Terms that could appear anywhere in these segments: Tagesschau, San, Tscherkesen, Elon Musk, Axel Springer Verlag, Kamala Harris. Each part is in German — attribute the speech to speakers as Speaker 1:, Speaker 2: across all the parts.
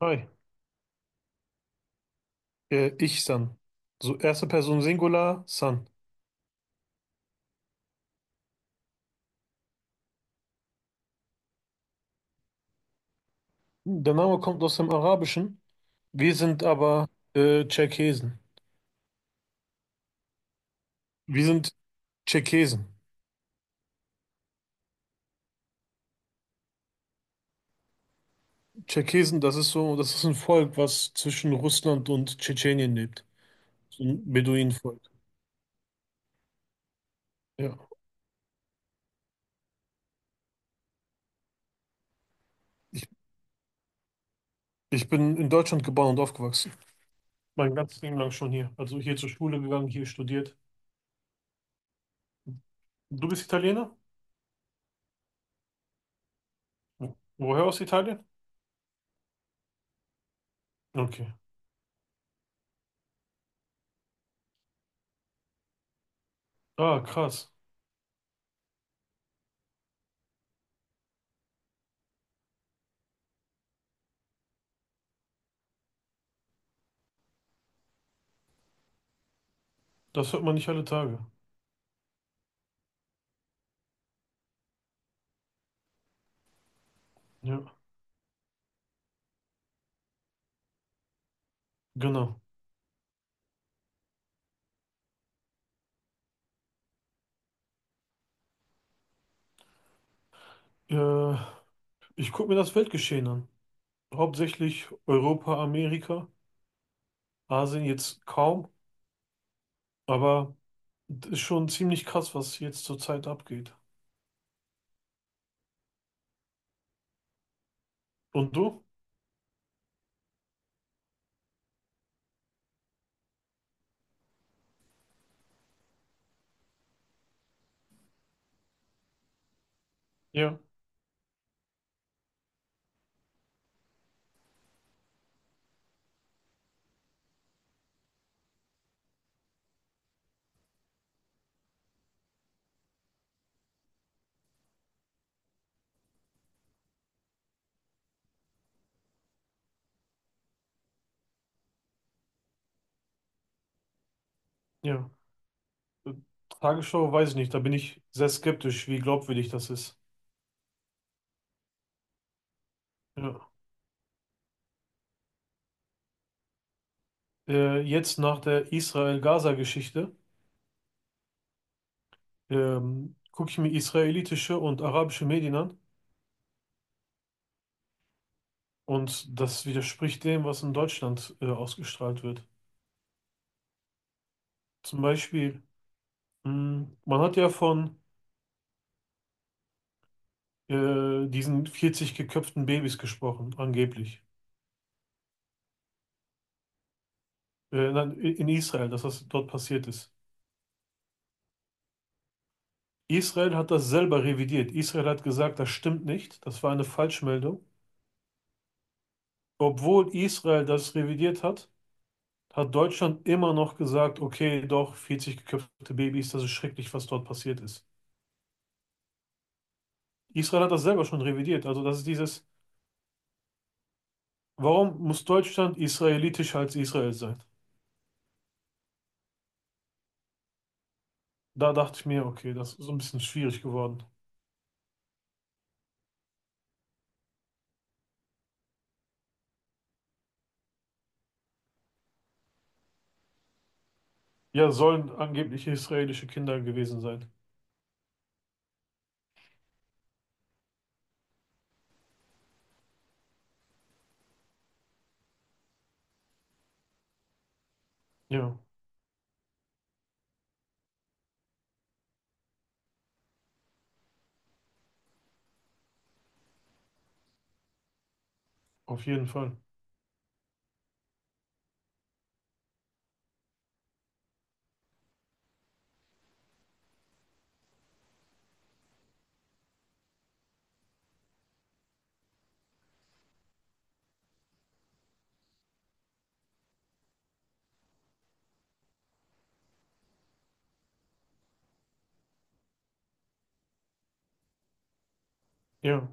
Speaker 1: Hi, ich San. So erste Person Singular, San. Der Name kommt aus dem Arabischen. Wir sind aber Tscherkesen. Wir sind Tscherkesen. Tscherkesen, das ist so, das ist ein Volk, was zwischen Russland und Tschetschenien lebt. So ein Beduinenvolk. Ja. Ich, ich bin in Deutschland geboren und aufgewachsen. Mein ganzes Leben lang schon hier. Also hier zur Schule gegangen, hier studiert. Du bist Italiener? Woher aus Italien? Okay. Ah, krass. Das hört man nicht alle Tage. Ja, genau. Äh, Ich gucke mir das Weltgeschehen an. Hauptsächlich Europa, Amerika, Asien jetzt kaum, aber es ist schon ziemlich krass, was jetzt zurzeit abgeht. Und du? Ja, ja. Tagesschau weiß ich nicht, da bin ich sehr skeptisch, wie glaubwürdig das ist. Ja. Jetzt nach der Israel-Gaza-Geschichte gucke ich mir israelitische und arabische Medien an, und das widerspricht dem, was in Deutschland ausgestrahlt wird. Zum Beispiel, man hat ja von diesen 40 geköpften Babys gesprochen, angeblich. Nein, in Israel, dass das dort passiert ist. Israel hat das selber revidiert. Israel hat gesagt, das stimmt nicht, das war eine Falschmeldung. Obwohl Israel das revidiert hat, hat Deutschland immer noch gesagt, okay, doch, 40 geköpfte Babys, das ist schrecklich, was dort passiert ist. Israel hat das selber schon revidiert. Also das ist dieses, warum muss Deutschland israelitischer als Israel sein? Da dachte ich mir, okay, das ist so ein bisschen schwierig geworden. Ja, sollen angeblich israelische Kinder gewesen sein. Ja, auf jeden Fall. Ja.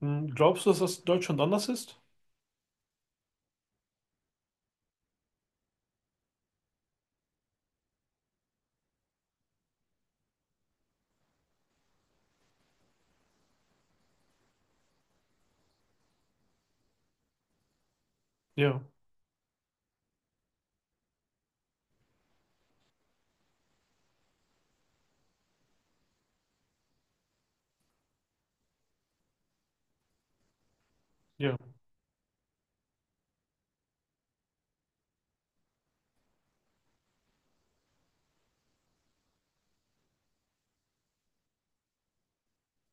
Speaker 1: Hm, glaubst du, dass das in Deutschland anders ist? Ja, ja,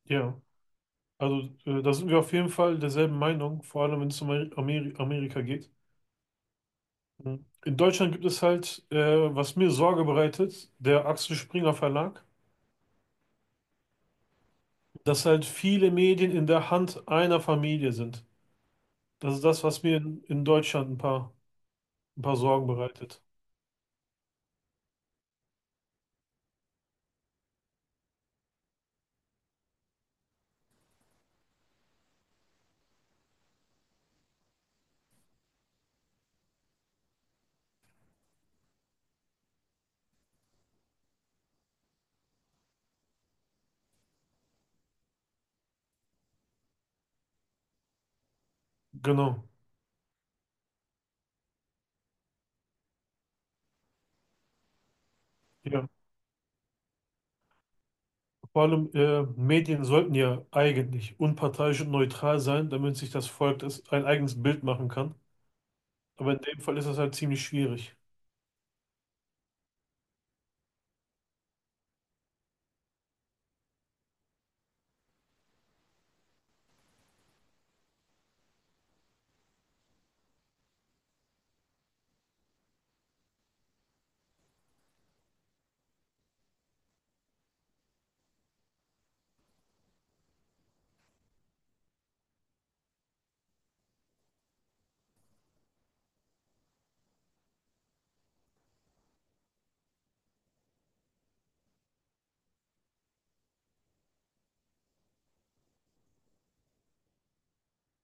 Speaker 1: ja. Also, da sind wir auf jeden Fall derselben Meinung, vor allem wenn es um Amerika geht. Hm. In Deutschland gibt es halt, was mir Sorge bereitet, der Axel Springer Verlag, dass halt viele Medien in der Hand einer Familie sind. Das ist das, was mir in Deutschland ein paar Sorgen bereitet. Genau. Ja. Vor allem Medien sollten ja eigentlich unparteiisch und neutral sein, damit sich das Volk das ein eigenes Bild machen kann. Aber in dem Fall ist das halt ziemlich schwierig.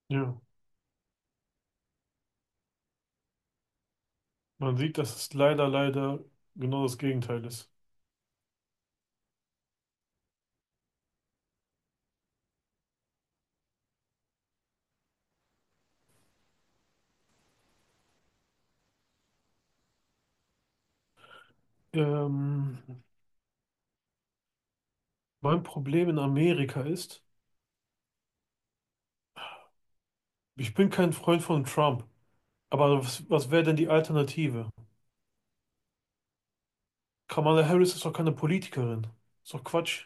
Speaker 1: Ja, man sieht, dass es leider, leider genau das Gegenteil ist. Ähm, Mein Problem in Amerika ist, ich bin kein Freund von Trump. Aber was, was wäre denn die Alternative? Kamala Harris ist doch keine Politikerin. Ist doch Quatsch.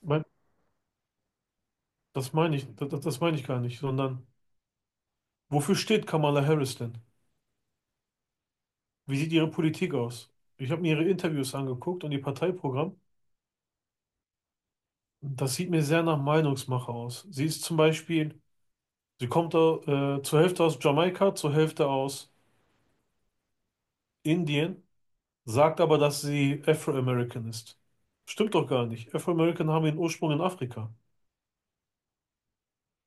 Speaker 1: Mein, das meine ich, das meine ich gar nicht, sondern wofür steht Kamala Harris denn? Wie sieht Ihre Politik aus? Ich habe mir Ihre Interviews angeguckt und Ihr Parteiprogramm. Das sieht mir sehr nach Meinungsmache aus. Sie ist zum Beispiel, sie kommt zur Hälfte aus Jamaika, zur Hälfte aus Indien, sagt aber, dass sie Afro-American ist. Stimmt doch gar nicht. Afro-American haben ihren Ursprung in Afrika.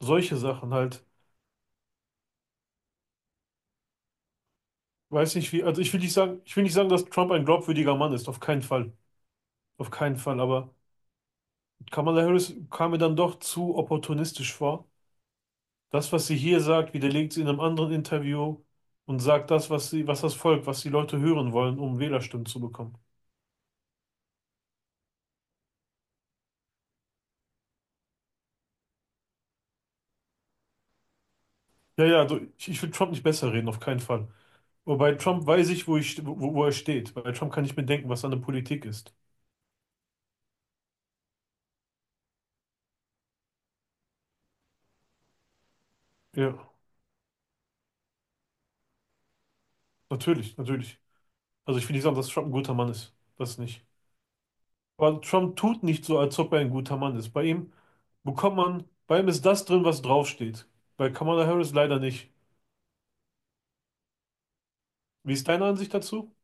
Speaker 1: Solche Sachen halt. Weiß nicht wie, also ich will nicht sagen, dass Trump ein glaubwürdiger Mann ist, auf keinen Fall. Auf keinen Fall, aber Kamala Harris kam mir dann doch zu opportunistisch vor. Das, was sie hier sagt, widerlegt sie in einem anderen Interview und sagt das, was sie, was das Volk, was die Leute hören wollen, um Wählerstimmen zu bekommen. Ja, ja, also ich will Trump nicht besser reden, auf keinen Fall. Aber bei Trump weiß ich, wo, wo er steht. Bei Trump kann ich mir denken, was seine Politik ist. Ja, natürlich, natürlich. Also ich will nicht sagen, dass Trump ein guter Mann ist. Das nicht. Aber Trump tut nicht so, als ob er ein guter Mann ist. Bei ihm bekommt man, bei ihm ist das drin, was draufsteht. Bei Kamala Harris leider nicht. Wie ist deine Ansicht dazu?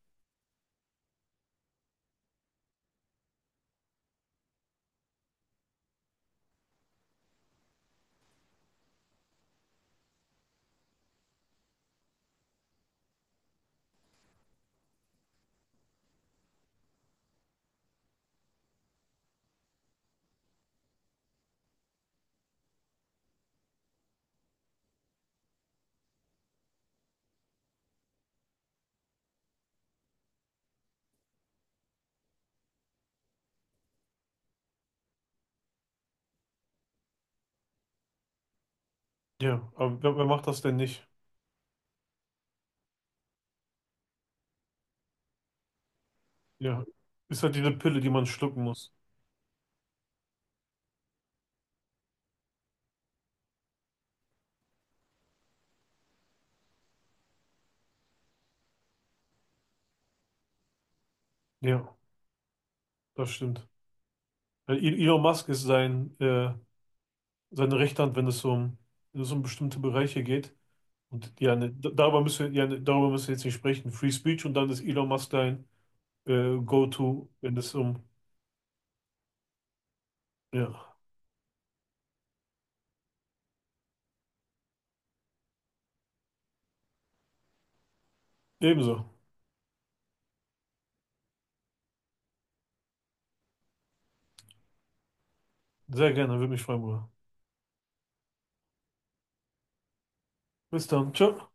Speaker 1: Ja, aber wer, wer macht das denn nicht? Ja, ist halt diese Pille, die man schlucken muss. Ja, das stimmt. Weil Elon Musk ist sein, seine rechte Hand, wenn es so um, wenn es um bestimmte Bereiche geht. Und ja, ne, darüber müssen wir, ja, ne, darüber müssen wir jetzt nicht sprechen. Free Speech und dann ist Elon Musk dein Go-To, wenn es um. Ja, ebenso. Sehr gerne, würde mich freuen, Bruder. Bis dann. Ciao.